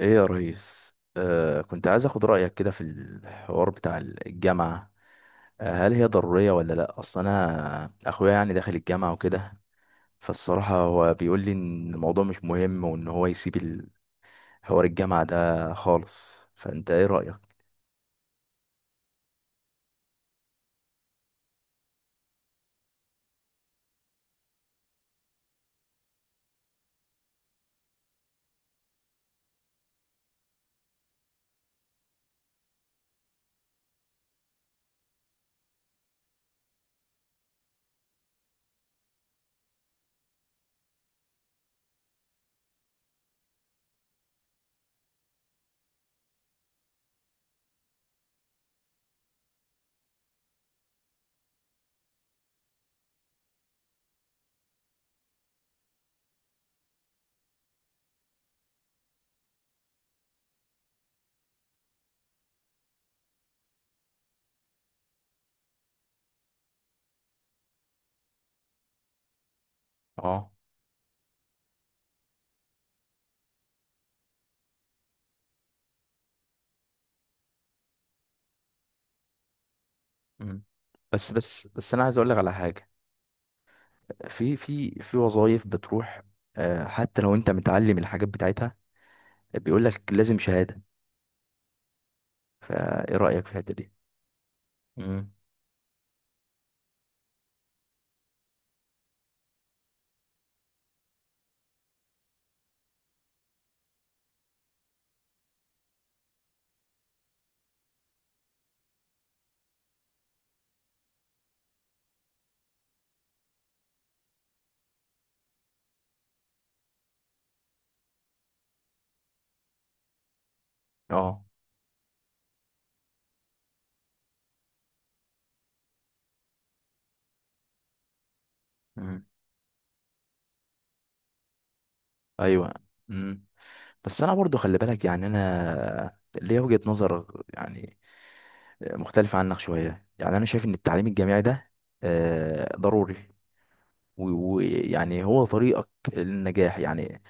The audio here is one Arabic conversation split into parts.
ايه يا ريس، كنت عايز اخد رايك كده في الحوار بتاع الجامعه. هل هي ضروريه ولا لا؟ اصل انا اخويا يعني داخل الجامعه وكده، فالصراحه هو بيقول لي ان الموضوع مش مهم وان هو يسيب حوار الجامعه ده خالص. فانت ايه رايك؟ اه. مم. بس انا عايز اقول لك على حاجه. في وظايف بتروح حتى لو انت متعلم الحاجات بتاعتها، بيقول لك لازم شهاده. فايه رايك في الحته دي؟ امم. اه. مم. ايوه. امم. بس انا برضو خلي بالك، يعني انا ليا وجهة نظر يعني مختلفة عنك شوية. يعني انا شايف ان التعليم الجامعي ده ضروري، ويعني هو طريقك للنجاح يعني.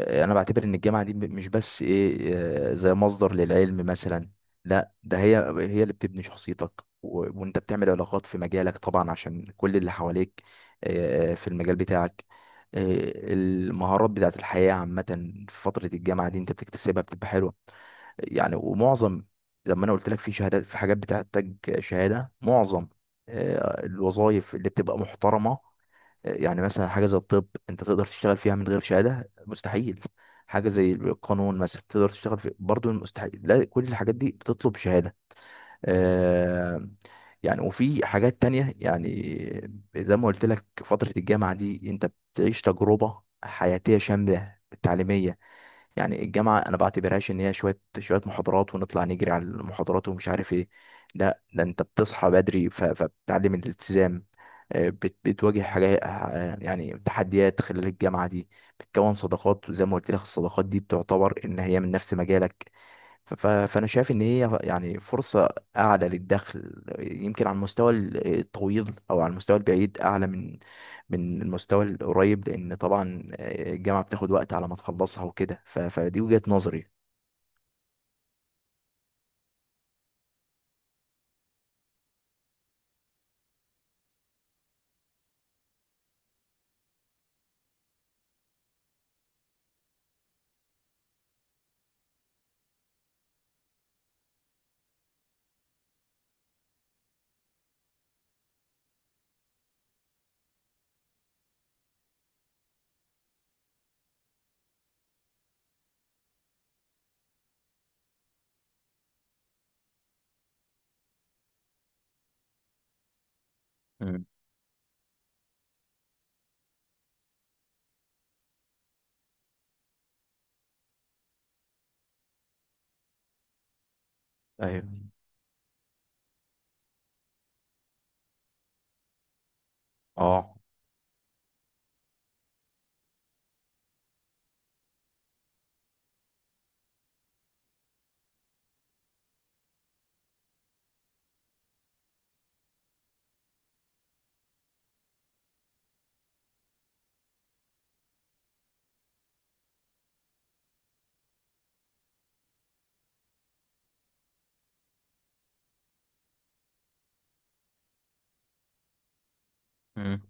انا بعتبر ان الجامعه دي مش بس ايه، زي مصدر للعلم مثلا، لا ده هي هي اللي بتبني شخصيتك، وانت بتعمل علاقات في مجالك طبعا عشان كل اللي حواليك في المجال بتاعك. المهارات بتاعت الحياه عامه في فتره الجامعه دي انت بتكتسبها بتبقى حلوه يعني. ومعظم زي ما انا قلت لك في شهادات، في حاجات بتحتاج شهاده. معظم الوظائف اللي بتبقى محترمه، يعني مثلا حاجة زي الطب انت تقدر تشتغل فيها من غير شهادة؟ مستحيل. حاجة زي القانون مثلا تقدر تشتغل في برضه؟ مستحيل. لا، كل الحاجات دي بتطلب شهادة. آه. يعني وفي حاجات تانية يعني زي ما قلت لك فترة الجامعة دي انت بتعيش تجربة حياتية شاملة تعليمية. يعني الجامعة أنا بعتبرهاش إن هي شوية شوية محاضرات ونطلع نجري على المحاضرات ومش عارف إيه، لا ده أنت بتصحى بدري فبتتعلم الالتزام، بتواجه حاجات، يعني تحديات خلال الجامعة دي، بتكون صداقات، وزي ما قلت لك الصداقات دي بتعتبر إن هي من نفس مجالك. فانا شايف ان هي يعني فرصه اعلى للدخل، يمكن على المستوى الطويل او على المستوى البعيد اعلى من المستوى القريب، لان طبعا الجامعه بتاخد وقت على ما تخلصها وكده. فدي وجهه نظري. مم. ايوه. اه. مم.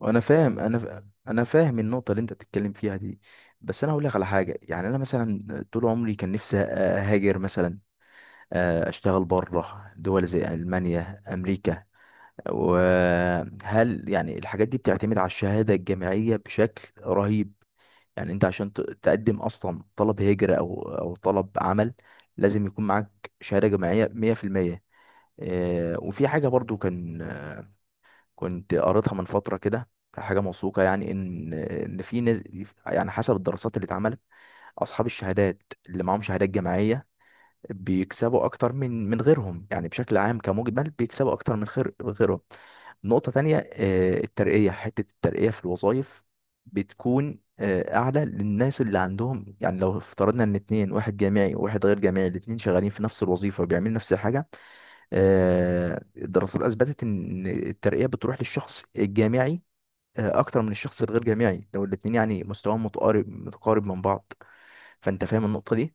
وانا فاهم، انا فاهم النقطه اللي انت بتتكلم فيها دي. بس انا هقول لك على حاجه، يعني انا مثلا طول عمري كان نفسي اهاجر مثلا، أ- اشتغل بره دول زي المانيا، امريكا. وهل يعني الحاجات دي بتعتمد على الشهادة الجامعية بشكل رهيب؟ يعني انت عشان تقدم اصلا طلب هجرة او طلب عمل، لازم يكون معاك شهادة جامعية 100%. وفي حاجة برضو كان، كنت قريتها من فترة كده، حاجة موثوقة يعني، ان في ناس، يعني حسب الدراسات اللي اتعملت، اصحاب الشهادات اللي معاهم شهادات جامعية بيكسبوا اكتر من غيرهم، يعني بشكل عام كمجمل بيكسبوا اكتر من خير غيرهم. نقطة تانية، حتة الترقية في الوظائف بتكون أعلى للناس اللي عندهم. يعني لو افترضنا إن اتنين، واحد جامعي وواحد غير جامعي، الاتنين شغالين في نفس الوظيفة وبيعملوا نفس الحاجة، الدراسات أثبتت إن الترقية بتروح للشخص الجامعي أكتر من الشخص الغير جامعي، لو الاتنين يعني مستواهم متقارب متقارب من بعض. فأنت فاهم النقطة دي؟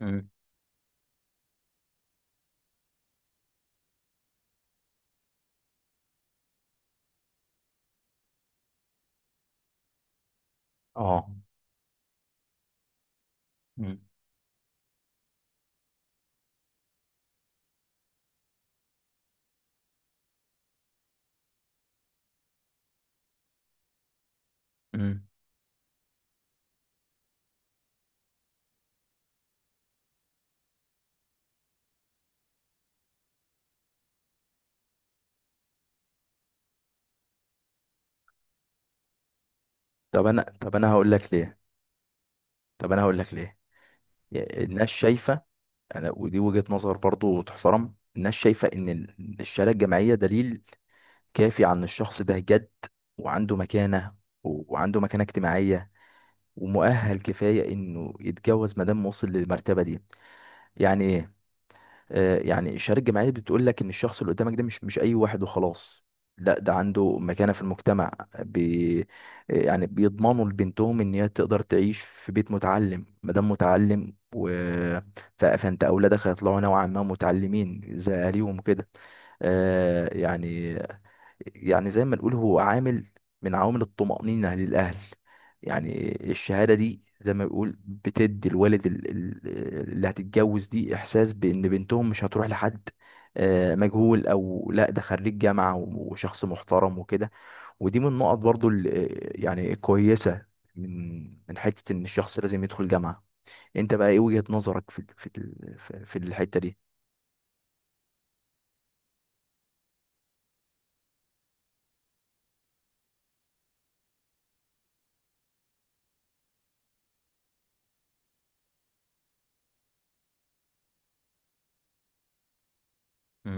مم. اه. مم. مم. طب انا هقول لك ليه. طب انا هقول لك ليه. الناس شايفه. انا، ودي وجهه نظر برضو تحترم، الناس شايفه ان الشهاده الجامعيه دليل كافي عن الشخص ده، جد وعنده مكانه، وعنده مكانه اجتماعيه ومؤهل كفايه انه يتجوز ما دام وصل للمرتبه دي يعني. يعني الشهادة الجامعية بتقول لك إن الشخص اللي قدامك ده مش أي واحد وخلاص، لا ده عنده مكانة في المجتمع. بي يعني بيضمنوا لبنتهم إن هي تقدر تعيش في بيت متعلم، مادام متعلم فأنت أولادك هيطلعوا نوعا ما متعلمين زي أهاليهم وكده. يعني، يعني زي ما نقول هو عامل من عوامل الطمأنينة للأهل. يعني الشهادة دي زي ما بيقول بتدي الوالد اللي هتتجوز دي إحساس بإن بنتهم مش هتروح لحد مجهول، أو لا ده خريج جامعة وشخص محترم وكده. ودي من النقط برضو يعني كويسة، من من حتة إن الشخص لازم يدخل جامعة. أنت بقى إيه وجهة نظرك في في الحتة دي؟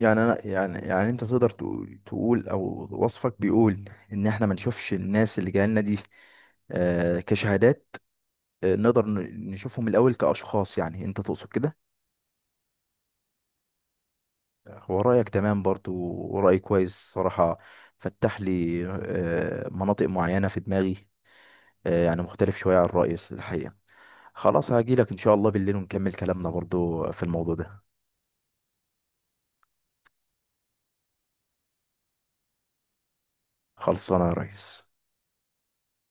يعني انا يعني انت تقدر تقول او وصفك بيقول ان احنا ما نشوفش الناس اللي جايه لنا دي كشهادات، نقدر نشوفهم الاول كاشخاص. يعني انت تقصد كده؟ هو رايك تمام برضو، ورأي كويس صراحه، فتح لي مناطق معينه في دماغي، يعني مختلف شويه عن الرأي الحقيقه. خلاص هاجي لك ان شاء الله بالليل ونكمل كلامنا برضو في الموضوع ده. خلصانه يا ريس.